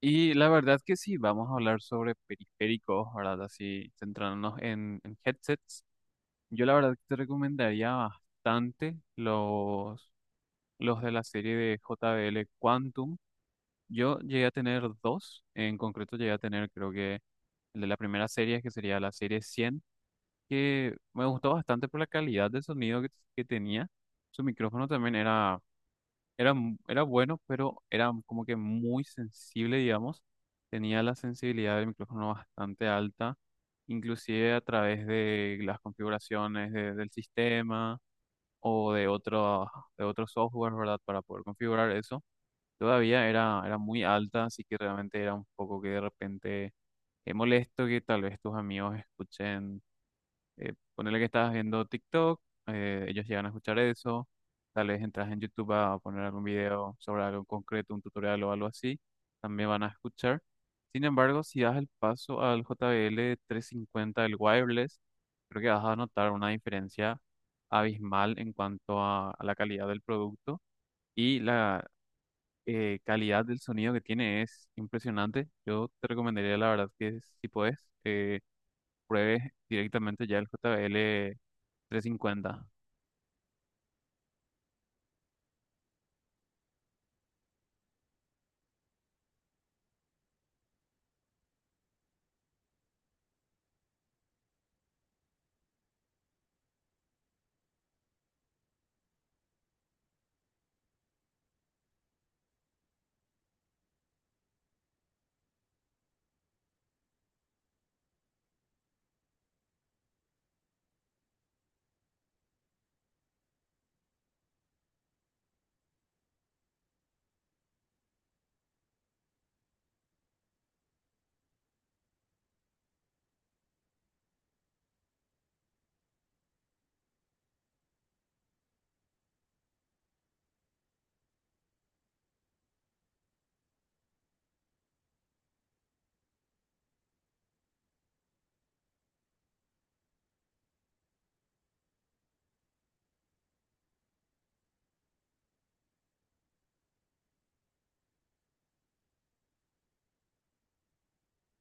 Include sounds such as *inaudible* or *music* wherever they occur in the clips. Y la verdad que sí, vamos a hablar sobre periféricos, ¿verdad? Así centrándonos en headsets. Yo la verdad que te recomendaría bastante los de la serie de JBL Quantum. Yo llegué a tener dos, en concreto llegué a tener creo que el de la primera serie, que sería la serie 100, que me gustó bastante por la calidad de sonido que tenía. Su micrófono también era bueno, pero era como que muy sensible, digamos. Tenía la sensibilidad del micrófono bastante alta, inclusive a través de las configuraciones del sistema o de otros software, ¿verdad? Para poder configurar eso. Todavía era muy alta, así que realmente era un poco que de repente es molesto que tal vez tus amigos escuchen, ponele que estás viendo TikTok. Ellos llegan a escuchar eso. Tal vez entras en YouTube a poner algún video sobre algo en concreto, un tutorial o algo así, también van a escuchar. Sin embargo, si das el paso al JBL 50 el wireless, creo que vas a notar una diferencia abismal en cuanto a la calidad del producto y la calidad del sonido que tiene es impresionante. Yo te recomendaría, la verdad, que si puedes, eh, pruebes directamente ya el JBL 350.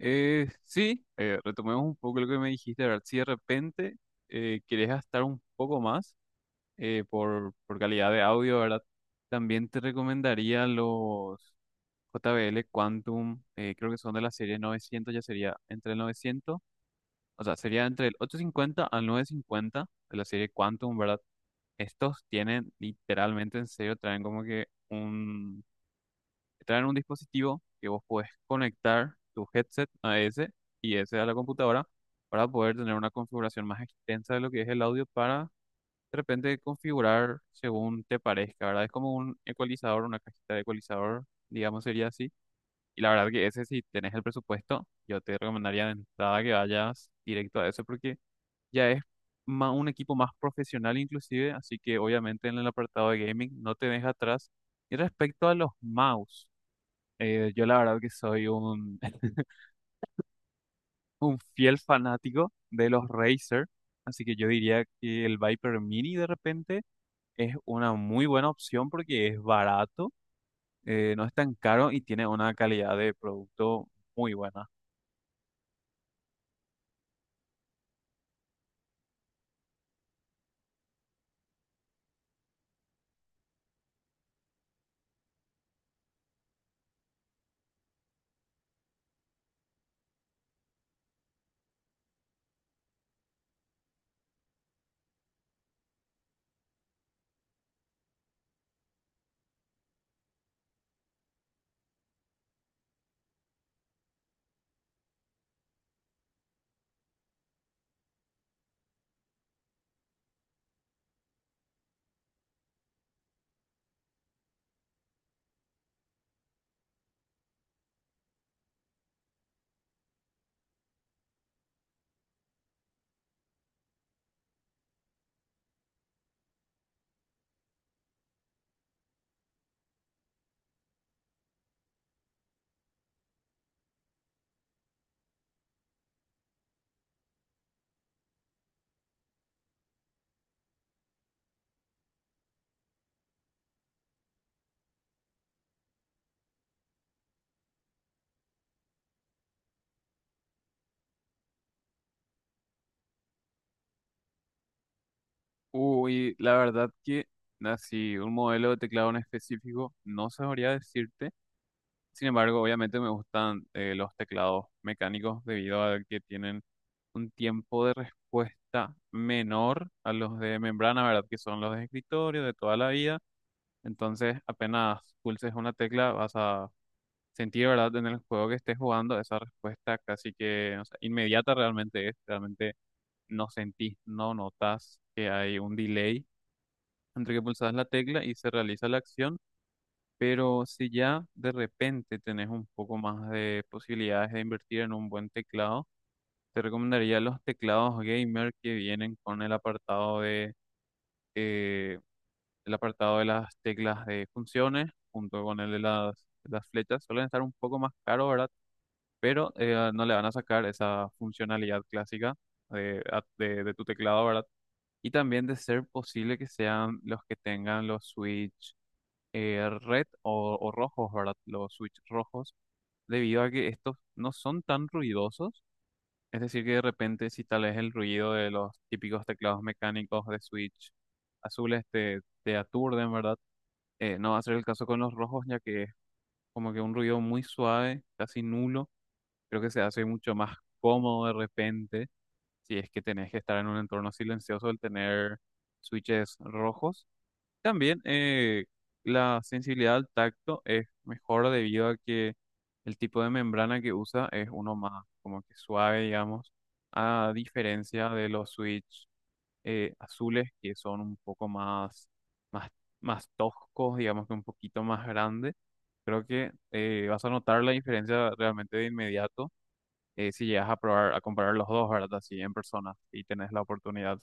Sí, retomemos un poco lo que me dijiste, a si de repente querés gastar un poco más, por calidad de audio, ¿verdad? También te recomendaría los JBL Quantum. Creo que son de la serie 900, ya sería entre el 900, o sea, sería entre el 850 al 950 de la serie Quantum, ¿verdad? Estos tienen literalmente, en serio, traen un dispositivo que vos podés conectar tu headset a ese, y ese a la computadora, para poder tener una configuración más extensa de lo que es el audio, para de repente configurar según te parezca, ¿verdad? Es como un ecualizador, una cajita de ecualizador, digamos sería así. Y la verdad que ese, si tenés el presupuesto, yo te recomendaría de entrada que vayas directo a eso, porque ya es un equipo más profesional inclusive, así que obviamente en el apartado de gaming no te deja atrás. Y respecto a los mouse, yo la verdad que soy *laughs* un fiel fanático de los Racer, así que yo diría que el Viper Mini de repente es una muy buena opción porque es barato. No es tan caro y tiene una calidad de producto muy buena. Uy, la verdad que así, un modelo de teclado en específico, no sabría decirte. Sin embargo, obviamente me gustan, los teclados mecánicos debido a que tienen un tiempo de respuesta menor a los de membrana, ¿verdad? Que son los de escritorio de toda la vida. Entonces, apenas pulses una tecla, vas a sentir, ¿verdad? En el juego que estés jugando, esa respuesta casi que, o sea, inmediata realmente es. Realmente no sentís, no notas que hay un delay entre que pulsas la tecla y se realiza la acción. Pero si ya de repente tenés un poco más de posibilidades de invertir en un buen teclado, te recomendaría los teclados gamer que vienen con el apartado eh, de las teclas de funciones junto con el de las flechas. Suelen estar un poco más caros, ¿verdad? Pero, no le van a sacar esa funcionalidad clásica de, a- de de tu teclado, ¿verdad? Y también de ser posible que sean los que tengan los switch, red o rojos, ¿verdad? Los switch rojos, debido a que estos no son tan ruidosos. Es decir, que de repente si tal vez el ruido de los típicos teclados mecánicos de switch azules te aturden, ¿verdad? No va a ser el caso con los rojos, ya que es como que un ruido muy suave, casi nulo. Creo que se hace mucho más cómodo de repente, si es que tenés que estar en un entorno silencioso, el tener switches rojos. También, la sensibilidad al tacto es mejor debido a que el tipo de membrana que usa es uno más como que suave, digamos, a diferencia de los Switch, azules, que son un poco más, más toscos, digamos, que un poquito más grande. Creo que, vas a notar la diferencia realmente de inmediato, si llegas a probar, a comparar los dos, ¿verdad? Así en persona y tenés la oportunidad.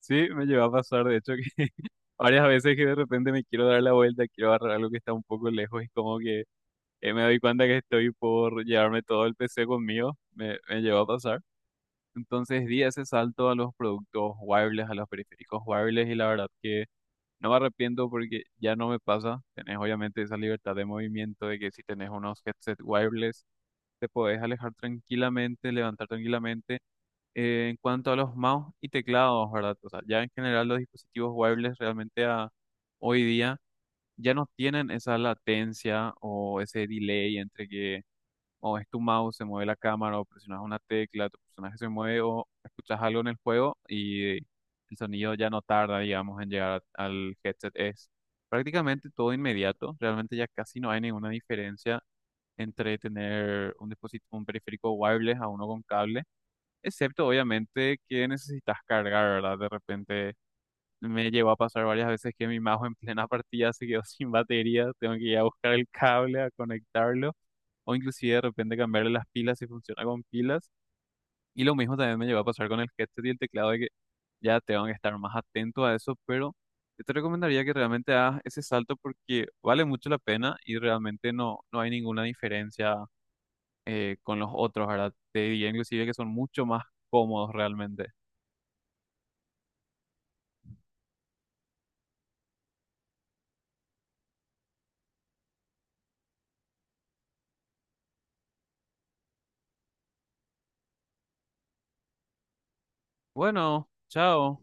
Sí, me llevó a pasar, de hecho, que varias veces que de repente me quiero dar la vuelta, quiero agarrar algo que está un poco lejos, y como que, me doy cuenta que estoy por llevarme todo el PC conmigo. Me llegó a pasar. Entonces di ese salto a los productos wireless, a los periféricos wireless, y la verdad que no me arrepiento porque ya no me pasa. Tenés obviamente esa libertad de movimiento de que si tenés unos headset wireless te podés alejar tranquilamente, levantar tranquilamente. En cuanto a los mouse y teclados, ¿verdad? O sea, ya en general los dispositivos wireless, hoy día ya no tienen esa latencia o ese delay entre que, o es tu mouse, se mueve la cámara, o presionas una tecla, tu personaje se mueve, o escuchas algo en el juego y el sonido ya no tarda, digamos, en llegar al headset. Es prácticamente todo inmediato. Realmente ya casi no hay ninguna diferencia entre tener un dispositivo, un periférico wireless, a uno con cable, excepto obviamente que necesitas cargar, ¿verdad? De repente me llegó a pasar varias veces que mi mouse en plena partida se quedó *laughs* sin batería, tengo que ir a buscar el cable a conectarlo, o inclusive de repente cambiarle las pilas si funciona con pilas. Y lo mismo también me llegó a pasar con el headset y el teclado, de que ya tengo que estar más atento a eso. Pero yo te recomendaría que realmente hagas ese salto porque vale mucho la pena, y realmente no hay ninguna diferencia, con los otros, ¿verdad? Te diría inclusive que son mucho más cómodos realmente. Bueno, chao.